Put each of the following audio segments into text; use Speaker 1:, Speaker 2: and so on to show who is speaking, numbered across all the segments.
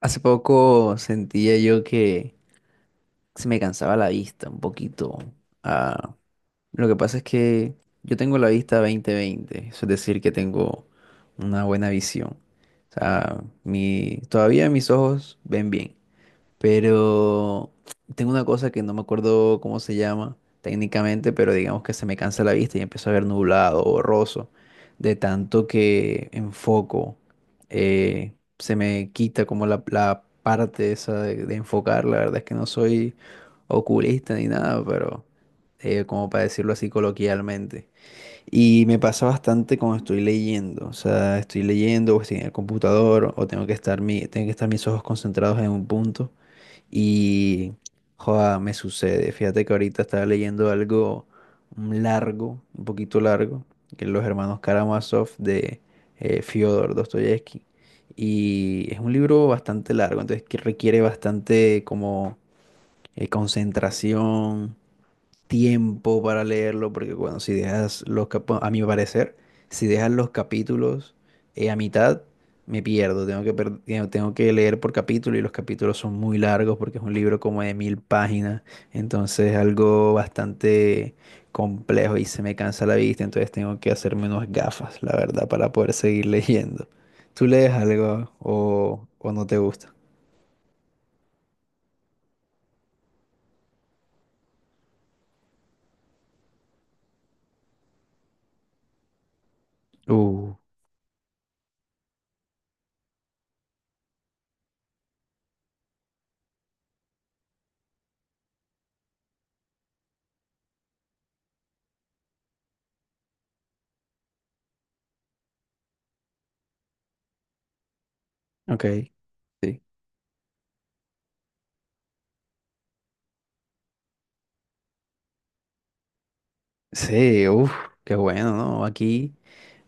Speaker 1: Hace poco sentía yo que se me cansaba la vista un poquito. Ah, lo que pasa es que yo tengo la vista 20/20, eso es decir, que tengo una buena visión. O sea, todavía mis ojos ven bien, pero tengo una cosa que no me acuerdo cómo se llama técnicamente, pero digamos que se me cansa la vista y empiezo a ver nublado, borroso, de tanto que enfoco, se me quita como la parte esa de enfocar. La verdad es que no soy oculista ni nada, pero como para decirlo así coloquialmente. Y me pasa bastante cuando estoy leyendo, o sea, estoy leyendo o estoy en el computador o tengo que estar mis ojos concentrados en un punto. Y, joda, me sucede. Fíjate que ahorita estaba leyendo algo largo, un poquito largo, que los hermanos Karamazov de Fyodor Dostoyevsky. Y es un libro bastante largo, entonces que requiere bastante como concentración, tiempo para leerlo, porque bueno, si dejas los capítulos, a mi parecer, si dejas los capítulos a mitad, me pierdo, tengo que leer por capítulo y los capítulos son muy largos porque es un libro como de 1.000 páginas, entonces es algo bastante complejo y se me cansa la vista, entonces tengo que hacerme unas gafas, la verdad, para poder seguir leyendo. ¿Tú lees algo o no te gusta? Uh, ok. Sí, sí, uff, qué bueno, ¿no? Aquí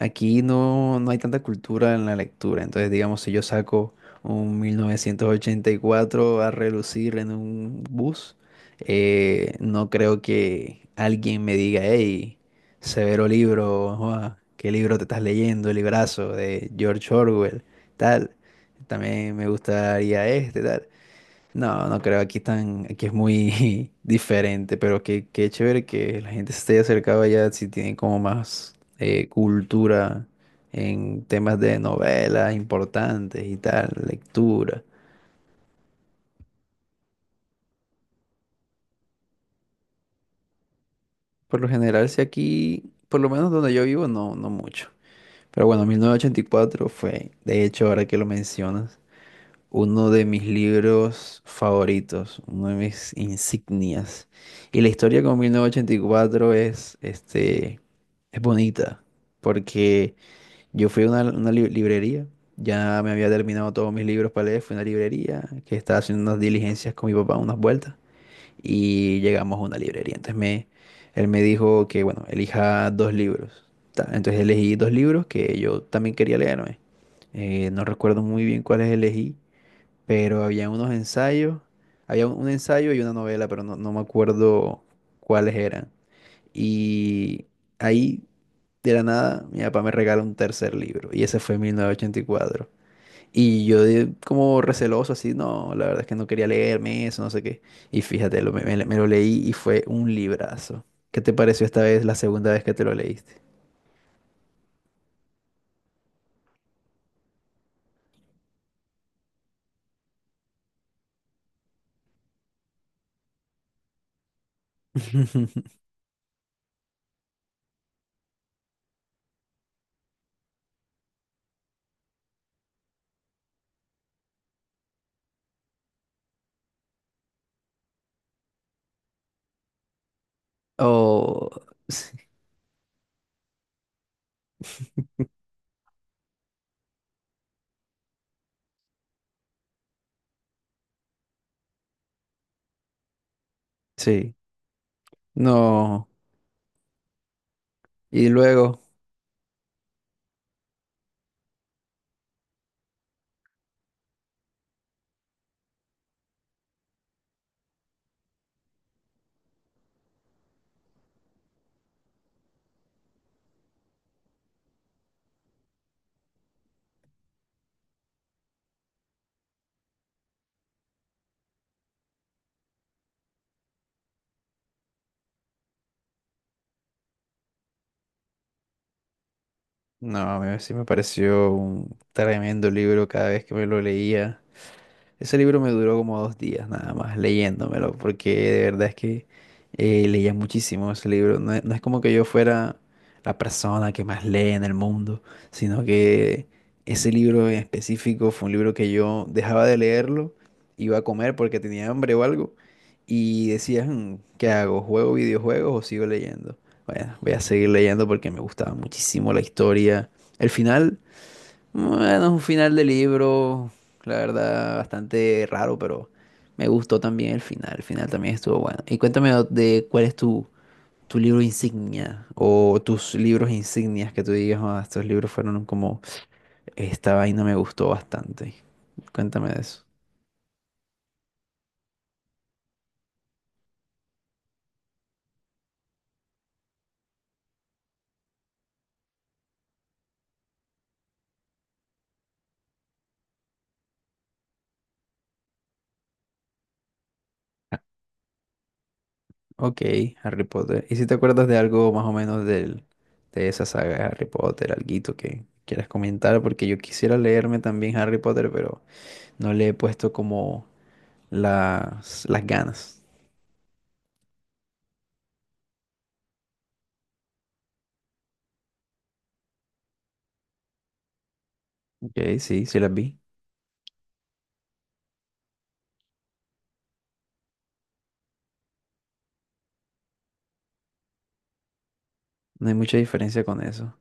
Speaker 1: Aquí no, no hay tanta cultura en la lectura, entonces digamos si yo saco un 1984 a relucir en un bus, no creo que alguien me diga, hey, severo libro, joa, ¿qué libro te estás leyendo? El librazo de George Orwell, tal. También me gustaría este, tal. No, no creo, aquí es muy diferente, pero qué chévere que la gente se esté acercando allá si tienen como más cultura en temas de novelas importantes y tal, lectura. Por lo general, si aquí, por lo menos donde yo vivo, no, no mucho. Pero bueno, 1984 fue, de hecho, ahora que lo mencionas. Uno de mis libros favoritos, uno de mis insignias. Y la historia con 1984 es, este, es bonita, porque yo fui a una librería, ya me había terminado todos mis libros para leer, fui a una librería que estaba haciendo unas diligencias con mi papá, unas vueltas, y llegamos a una librería. Entonces él me dijo que, bueno, elija dos libros. Ta, entonces elegí dos libros que yo también quería leerme. No recuerdo muy bien cuáles elegí, pero había unos ensayos, había un ensayo y una novela, pero no, no me acuerdo cuáles eran. Y ahí, de la nada, mi papá me regala un tercer libro, y ese fue en 1984. Y cuatro. Y yo como receloso, así, no, la verdad es que no quería leerme eso, no sé qué. Y fíjate, me lo leí y fue un librazo. ¿Qué te pareció esta vez, la segunda vez que te lo leíste? Oh, sí, sí, no. Y luego... No, a mí sí me pareció un tremendo libro cada vez que me lo leía. Ese libro me duró como 2 días nada más leyéndomelo, porque de verdad es que leía muchísimo ese libro. No es como que yo fuera la persona que más lee en el mundo, sino que ese libro en específico fue un libro que yo dejaba de leerlo, iba a comer porque tenía hambre o algo, y decía, "Mm, ¿qué hago? ¿Juego videojuegos o sigo leyendo? Bueno, voy a seguir leyendo porque me gustaba muchísimo la historia". El final... Bueno, es un final de libro, la verdad, bastante raro, pero me gustó también el final. El final también estuvo bueno. Y cuéntame de cuál es tu libro insignia o tus libros insignias que tú digas, "Ah, estos libros fueron como, esta vaina me gustó bastante". Cuéntame de eso. Ah, ok, Harry Potter. ¿Y si te acuerdas de algo más o menos de esa saga de Harry Potter, alguito que quieras comentar? Porque yo quisiera leerme también Harry Potter, pero no le he puesto como las ganas. Ok, sí, sí las vi. No hay mucha diferencia con eso.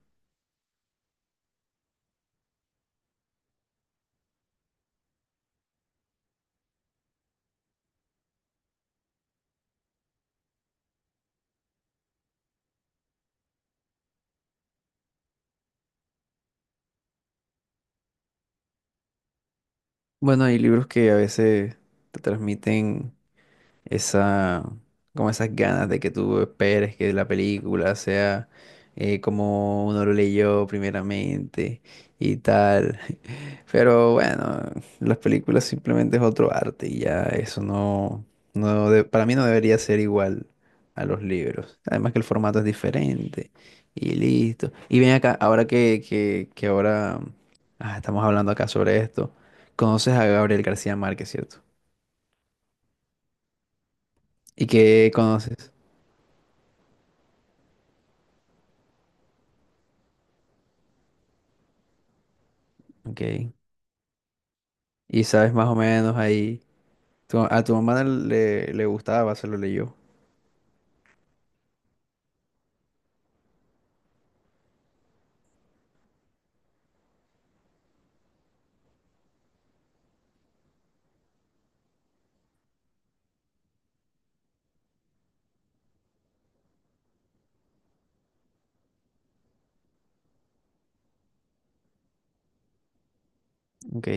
Speaker 1: Bueno, hay libros que a veces te transmiten esa, como esas ganas de que tú esperes que la película sea como uno lo leyó primeramente y tal. Pero bueno, las películas simplemente es otro arte y ya eso no, para mí no debería ser igual a los libros. Además que el formato es diferente y listo. Y ven acá, ahora que estamos hablando acá sobre esto, conoces a Gabriel García Márquez, ¿cierto? ¿Y qué conoces? Ok. Y sabes más o menos ahí. A tu mamá no le gustaba, se lo leyó. Ok.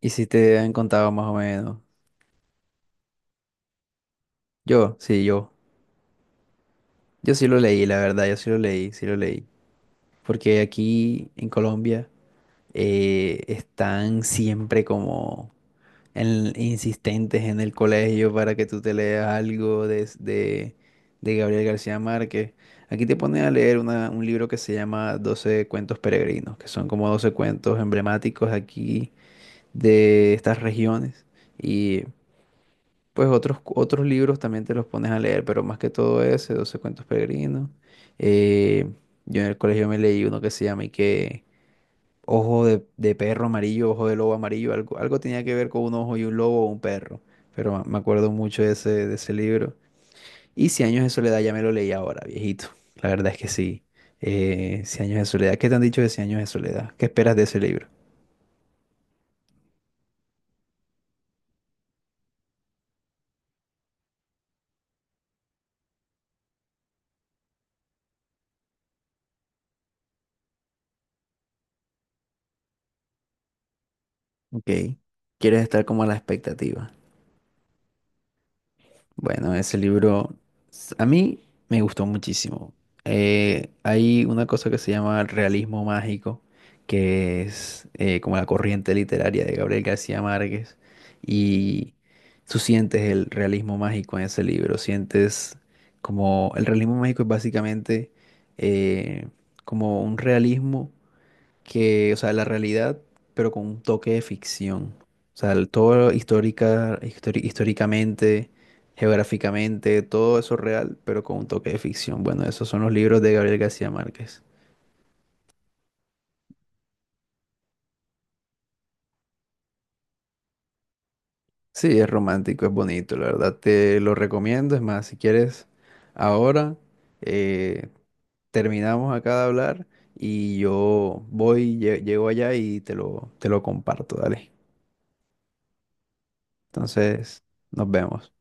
Speaker 1: ¿Y si te han contado más o menos? Yo, sí, yo. Yo sí lo leí, la verdad, yo sí lo leí, sí lo leí. Porque aquí en Colombia están siempre como insistentes en el colegio para que tú te leas algo de Gabriel García Márquez. Aquí te ponen a leer un libro que se llama Doce cuentos peregrinos, que son como 12 cuentos emblemáticos aquí de estas regiones. Y pues otros libros también te los pones a leer, pero más que todo ese, Doce cuentos peregrinos. Eh, yo en el colegio me leí uno que se llama y que Ojo de perro amarillo, ojo de lobo amarillo, algo tenía que ver con un ojo y un lobo o un perro, pero me acuerdo mucho de ese libro. Y Cien años de soledad ya me lo leí ahora, viejito. La verdad es que sí. Cien años de soledad, ¿qué te han dicho de Cien años de soledad? ¿Qué esperas de ese libro? Ok. Quieres estar como a la expectativa. Bueno, ese libro a mí me gustó muchísimo. Hay una cosa que se llama realismo mágico, que es como la corriente literaria de Gabriel García Márquez. Y tú sientes el realismo mágico en ese libro. Sientes como el realismo mágico es básicamente eh, como un realismo que, o sea, la realidad, pero con un toque de ficción. O sea, todo históricamente, geográficamente, todo eso real, pero con un toque de ficción. Bueno, esos son los libros de Gabriel García Márquez. Sí, es romántico, es bonito, la verdad te lo recomiendo. Es más, si quieres, ahora eh, terminamos acá de hablar y yo voy, llego allá y te lo comparto, dale. Entonces, nos vemos.